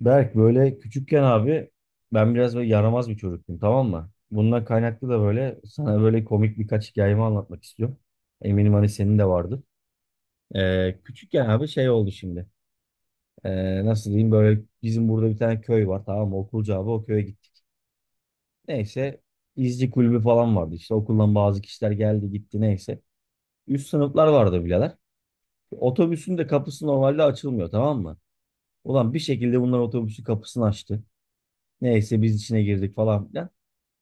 Berk böyle küçükken abi ben biraz böyle yaramaz bir çocuktum, tamam mı? Bundan kaynaklı da böyle sana böyle komik birkaç hikayemi anlatmak istiyorum. Eminim hani senin de vardı. Küçükken abi şey oldu şimdi. Nasıl diyeyim, böyle bizim burada bir tane köy var, tamam mı? Okulcu abi o köye gittik. Neyse, izci kulübü falan vardı işte, okuldan bazı kişiler geldi gitti neyse. Üst sınıflar vardı birader. Otobüsün de kapısı normalde açılmıyor, tamam mı? Ulan bir şekilde bunlar otobüsün kapısını açtı. Neyse biz içine girdik falan filan.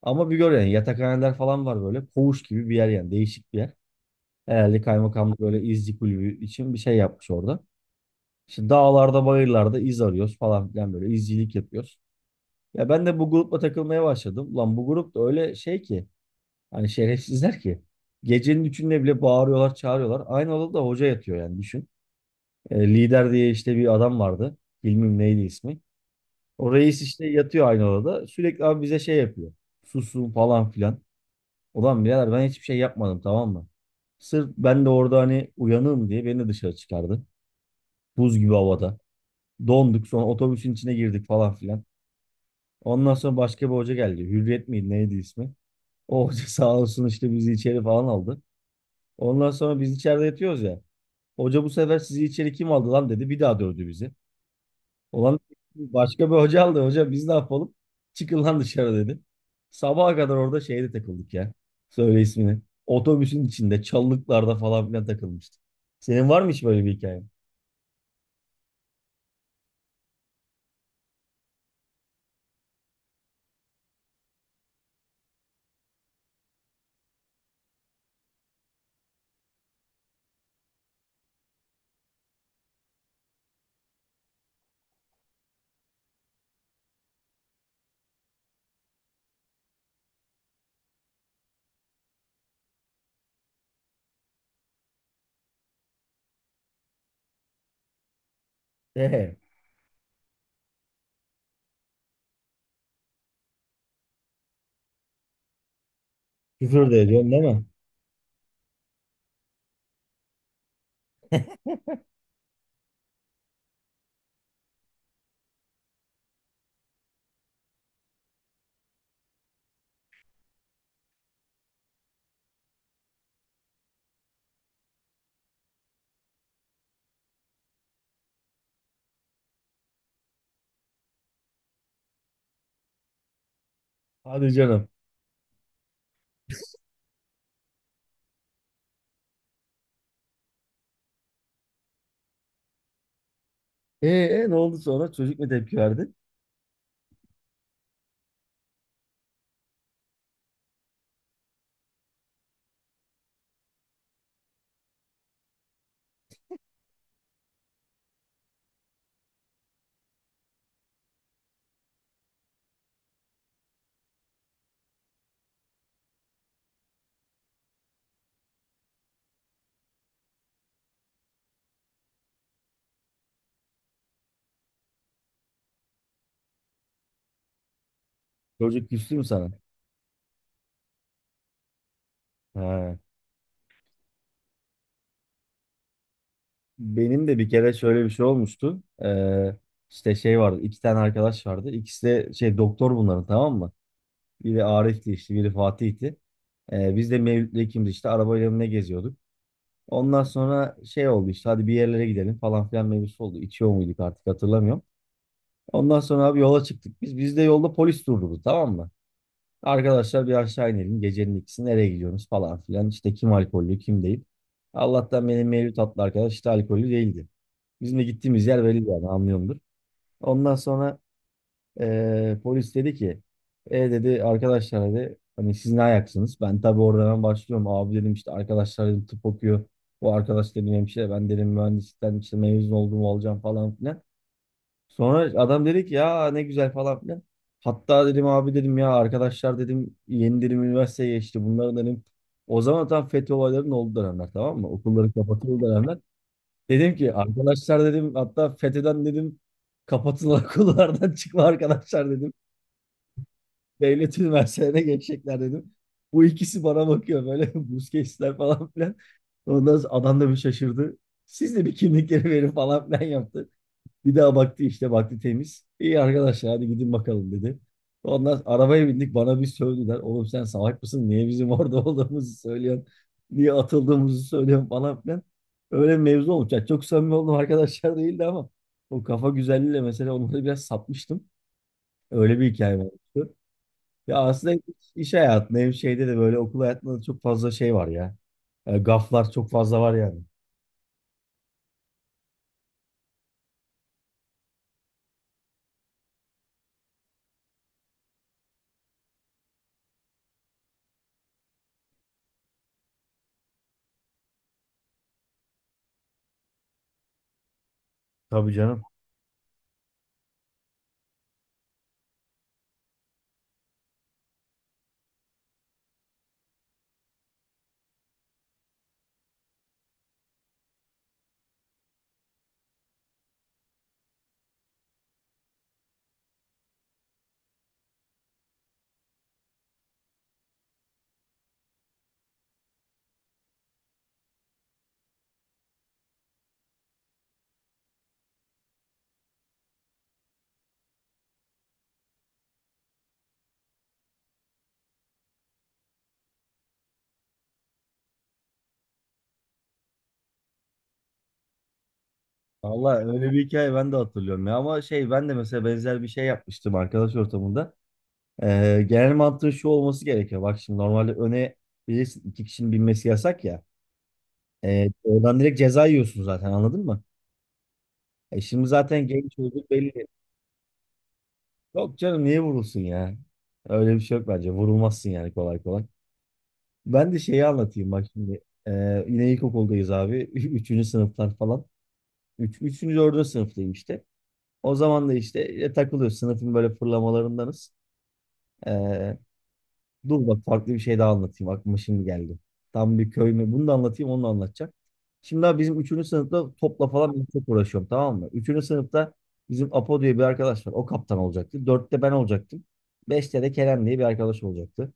Ama bir gör yani, yatakhaneler falan var böyle. Koğuş gibi bir yer yani, değişik bir yer. Herhalde kaymakamlık böyle izci kulübü için bir şey yapmış orada. İşte dağlarda bayırlarda iz arıyoruz falan filan, böyle izcilik yapıyoruz. Ya ben de bu grupla takılmaya başladım. Lan bu grup da öyle şey ki, hani şerefsizler ki. Gecenin üçünde bile bağırıyorlar çağırıyorlar. Aynı odada hoca yatıyor yani, düşün. Lider diye işte bir adam vardı. Bilmem neydi ismi. O reis işte yatıyor aynı odada. Sürekli abi bize şey yapıyor. Susun falan filan. Ulan birader ben hiçbir şey yapmadım, tamam mı? Sırf ben de orada hani uyanığım diye beni dışarı çıkardı. Buz gibi havada. Donduk, sonra otobüsün içine girdik falan filan. Ondan sonra başka bir hoca geldi. Hürriyet miydi neydi ismi? O hoca sağ olsun işte bizi içeri falan aldı. Ondan sonra biz içeride yatıyoruz ya. Hoca bu sefer sizi içeri kim aldı lan dedi. Bir daha dövdü bizi. Ulan başka bir hoca aldı. Hoca biz ne yapalım? Çıkın lan dışarı dedi. Sabaha kadar orada şeyde takıldık ya. Söyle ismini. Otobüsün içinde, çalılıklarda falan filan takılmıştık. Senin var mı hiç böyle bir hikaye? Ee, Küfür de ediyorsun değil mi? Hadi canım. Ne oldu sonra? Çocuk mu tepki verdi? Çocuk küstü mü sana? Ha. Benim de bir kere şöyle bir şey olmuştu. İşte şey vardı. İki tane arkadaş vardı. İkisi de şey doktor bunların, tamam mı? Biri Arif'ti işte, biri Fatih'ti. Biz de Mevlüt'le ikimiz işte arabayla mı ne geziyorduk. Ondan sonra şey oldu işte, hadi bir yerlere gidelim falan filan mevzusu oldu. İçiyor muyduk artık hatırlamıyorum. Ondan sonra abi yola çıktık. Biz de yolda polis durdurdu, tamam mı? Arkadaşlar bir aşağı inelim. Gecenin ikisi nereye gidiyorsunuz falan filan. İşte kim alkollü kim değil. Allah'tan benim Mevlüt adlı arkadaş işte alkollü değildi. Bizim de gittiğimiz yer belli yani, anlıyorumdur. Ondan sonra polis dedi ki, e dedi arkadaşlar dedi, hani siz ne ayaksınız? Ben tabii oradan hemen başlıyorum. Abi dedim işte arkadaşlar dedim tıp okuyor. Bu arkadaş dedim hemşire, ben dedim mühendislikten işte mezun olduğumu alacağım falan filan. Sonra adam dedi ki ya ne güzel falan filan. Hatta dedim abi dedim ya arkadaşlar dedim yeni dedim üniversiteye geçti. Bunların dedim o zaman tam FETÖ olaylarının olduğu dönemler, tamam mı? Okulların kapatıldığı dönemler. Dedim ki arkadaşlar dedim hatta FETÖ'den dedim kapatın okullardan çıkma arkadaşlar dedim devlet üniversitelerine geçecekler dedim. Bu ikisi bana bakıyor böyle Busquets'ler falan filan. Ondan sonra adam da bir şaşırdı. Siz de bir kimlikleri verin falan filan yaptı. Bir daha baktı işte, baktı temiz. İyi arkadaşlar hadi gidin bakalım dedi. Ondan sonra arabaya bindik, bana bir sövdüler. Oğlum sen salak mısın? Niye bizim orada olduğumuzu söylüyorsun? Niye atıldığımızı söylüyorsun falan filan. Öyle bir mevzu olmuş. Yani çok samimi olduğum arkadaşlar değildi ama o kafa güzelliğiyle mesela onları biraz satmıştım. Öyle bir hikaye var. Ya aslında hem iş hayatında hem şeyde de böyle okul hayatında da çok fazla şey var ya. Gaflar çok fazla var yani. Tabii canım. Valla öyle bir hikaye ben de hatırlıyorum ya, ama şey, ben de mesela benzer bir şey yapmıştım arkadaş ortamında. Genel mantığı şu olması gerekiyor. Bak şimdi normalde öne bilirsin iki kişinin binmesi yasak ya. Oradan direkt ceza yiyorsun zaten, anladın mı? E şimdi zaten genç çocuk belli. Yok canım niye vurulsun ya? Öyle bir şey yok bence. Vurulmazsın yani, kolay kolay. Ben de şeyi anlatayım bak şimdi. Yine ilkokuldayız abi. Üçüncü sınıflar falan. Üçüncü, dördüncü sınıftayım işte. O zaman da işte takılıyoruz. Sınıfın böyle fırlamalarındanız. Ee, Dur bak farklı bir şey daha anlatayım. Aklıma şimdi geldi. Tam bir köy mü? Bunu da anlatayım, onu da anlatacağım. Şimdi abi bizim üçüncü sınıfta topla falan ben çok uğraşıyorum, tamam mı? Üçüncü sınıfta bizim Apo diye bir arkadaş var. O kaptan olacaktı. Dörtte ben olacaktım. Beşte de Kerem diye bir arkadaş olacaktı.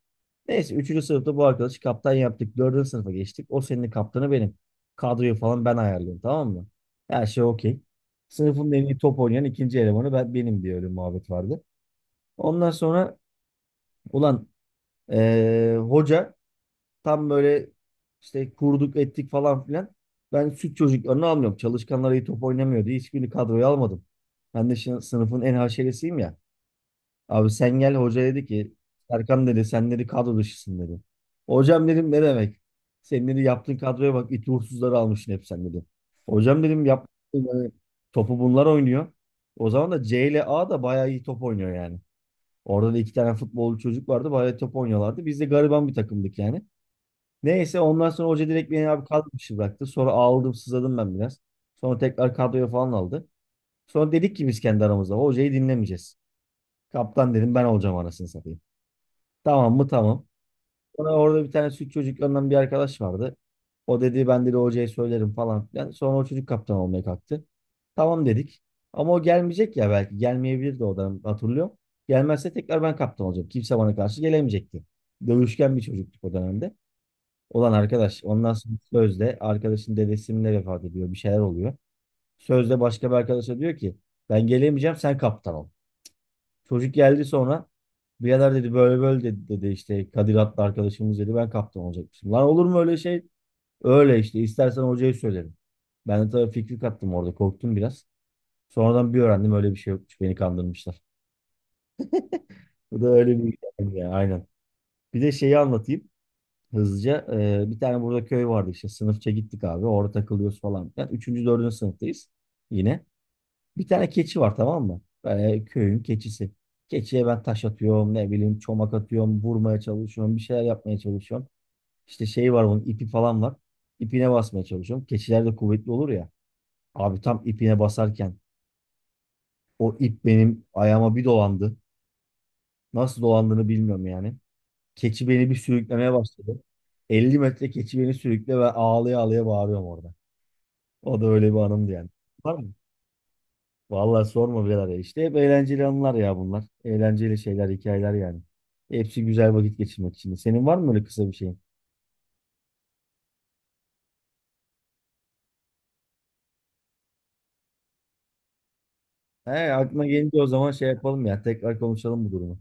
Neyse üçüncü sınıfta bu arkadaşı kaptan yaptık. Dördüncü sınıfa geçtik. O senin kaptanı benim. Kadroyu falan ben ayarlıyorum, tamam mı? Her şey okey. Sınıfın en iyi top oynayan ikinci elemanı ben, benim diye öyle muhabbet vardı. Ondan sonra ulan hoca, tam böyle işte kurduk ettik falan filan. Ben süt çocuklarını almıyorum. Çalışkanlar iyi top oynamıyor diye hiçbirini kadroya almadım. Ben de şimdi sınıfın en haşeresiyim ya. Abi sen gel, hoca dedi ki Serkan dedi sen dedi kadro dışısın dedi. Hocam dedim ne demek? Senin dedi yaptığın kadroya bak, iti uğursuzları almışsın hep sen dedi. Hocam dedim yap yani, topu bunlar oynuyor. O zaman da C ile A da bayağı iyi top oynuyor yani. Orada da iki tane futbolcu çocuk vardı, bayağı top oynuyorlardı. Biz de gariban bir takımdık yani. Neyse ondan sonra hoca direkt beni abi kadro dışı bıraktı. Sonra ağladım sızladım ben biraz. Sonra tekrar kadroya falan aldı. Sonra dedik ki biz kendi aramızda hocayı dinlemeyeceğiz. Kaptan dedim ben olacağım, anasını satayım. Tamam mı tamam. Sonra orada bir tane süt çocuklarından bir arkadaş vardı. O dedi ben de hocaya söylerim falan filan. Sonra o çocuk kaptan olmaya kalktı. Tamam dedik. Ama o gelmeyecek ya belki. Gelmeyebilir de, o da hatırlıyorum. Gelmezse tekrar ben kaptan olacağım. Kimse bana karşı gelemeyecekti. Dövüşken bir çocuktuk o dönemde olan arkadaş, ondan sonra sözde arkadaşın dedesinin de vefat ediyor. Bir şeyler oluyor. Sözde başka bir arkadaşa diyor ki ben gelemeyeceğim sen kaptan ol. Çocuk geldi sonra, birader dedi böyle böyle dedi, dedi işte Kadir adlı arkadaşımız dedi ben kaptan olacakmışım. Lan olur mu öyle şey? Öyle işte, istersen hocayı söylerim. Ben de tabii fikri kattım orada, korktum biraz. Sonradan bir öğrendim, öyle bir şey yokmuş, beni kandırmışlar. Bu da öyle bir hikaye ya aynen. Bir de şeyi anlatayım hızlıca. Bir tane burada köy vardı işte, sınıfça gittik abi, orada takılıyoruz falan. Yani üçüncü dördüncü sınıftayız yine. Bir tane keçi var, tamam mı? Köyün keçisi. Keçiye ben taş atıyorum, ne bileyim çomak atıyorum, vurmaya çalışıyorum, bir şeyler yapmaya çalışıyorum. İşte şey var, bunun ipi falan var. İpine basmaya çalışıyorum. Keçiler de kuvvetli olur ya. Abi tam ipine basarken o ip benim ayağıma bir dolandı. Nasıl dolandığını bilmiyorum yani. Keçi beni bir sürüklemeye başladı. 50 metre keçi beni sürükle ve ağlaya ağlaya bağırıyorum orada. O da öyle bir anımdı yani. Var mı? Vallahi sorma birader ya. İşte hep eğlenceli anılar ya bunlar. Eğlenceli şeyler, hikayeler yani. Hepsi güzel vakit geçirmek için. Senin var mı öyle kısa bir şeyin? He, aklına gelince o zaman şey yapalım ya. Tekrar konuşalım bu durumu.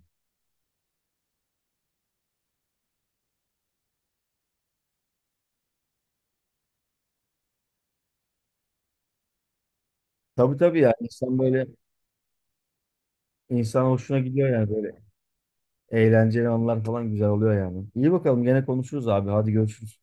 Tabii tabii ya. İnsan böyle insan hoşuna gidiyor yani böyle. Eğlenceli anılar falan güzel oluyor yani. İyi bakalım, gene konuşuruz abi. Hadi görüşürüz.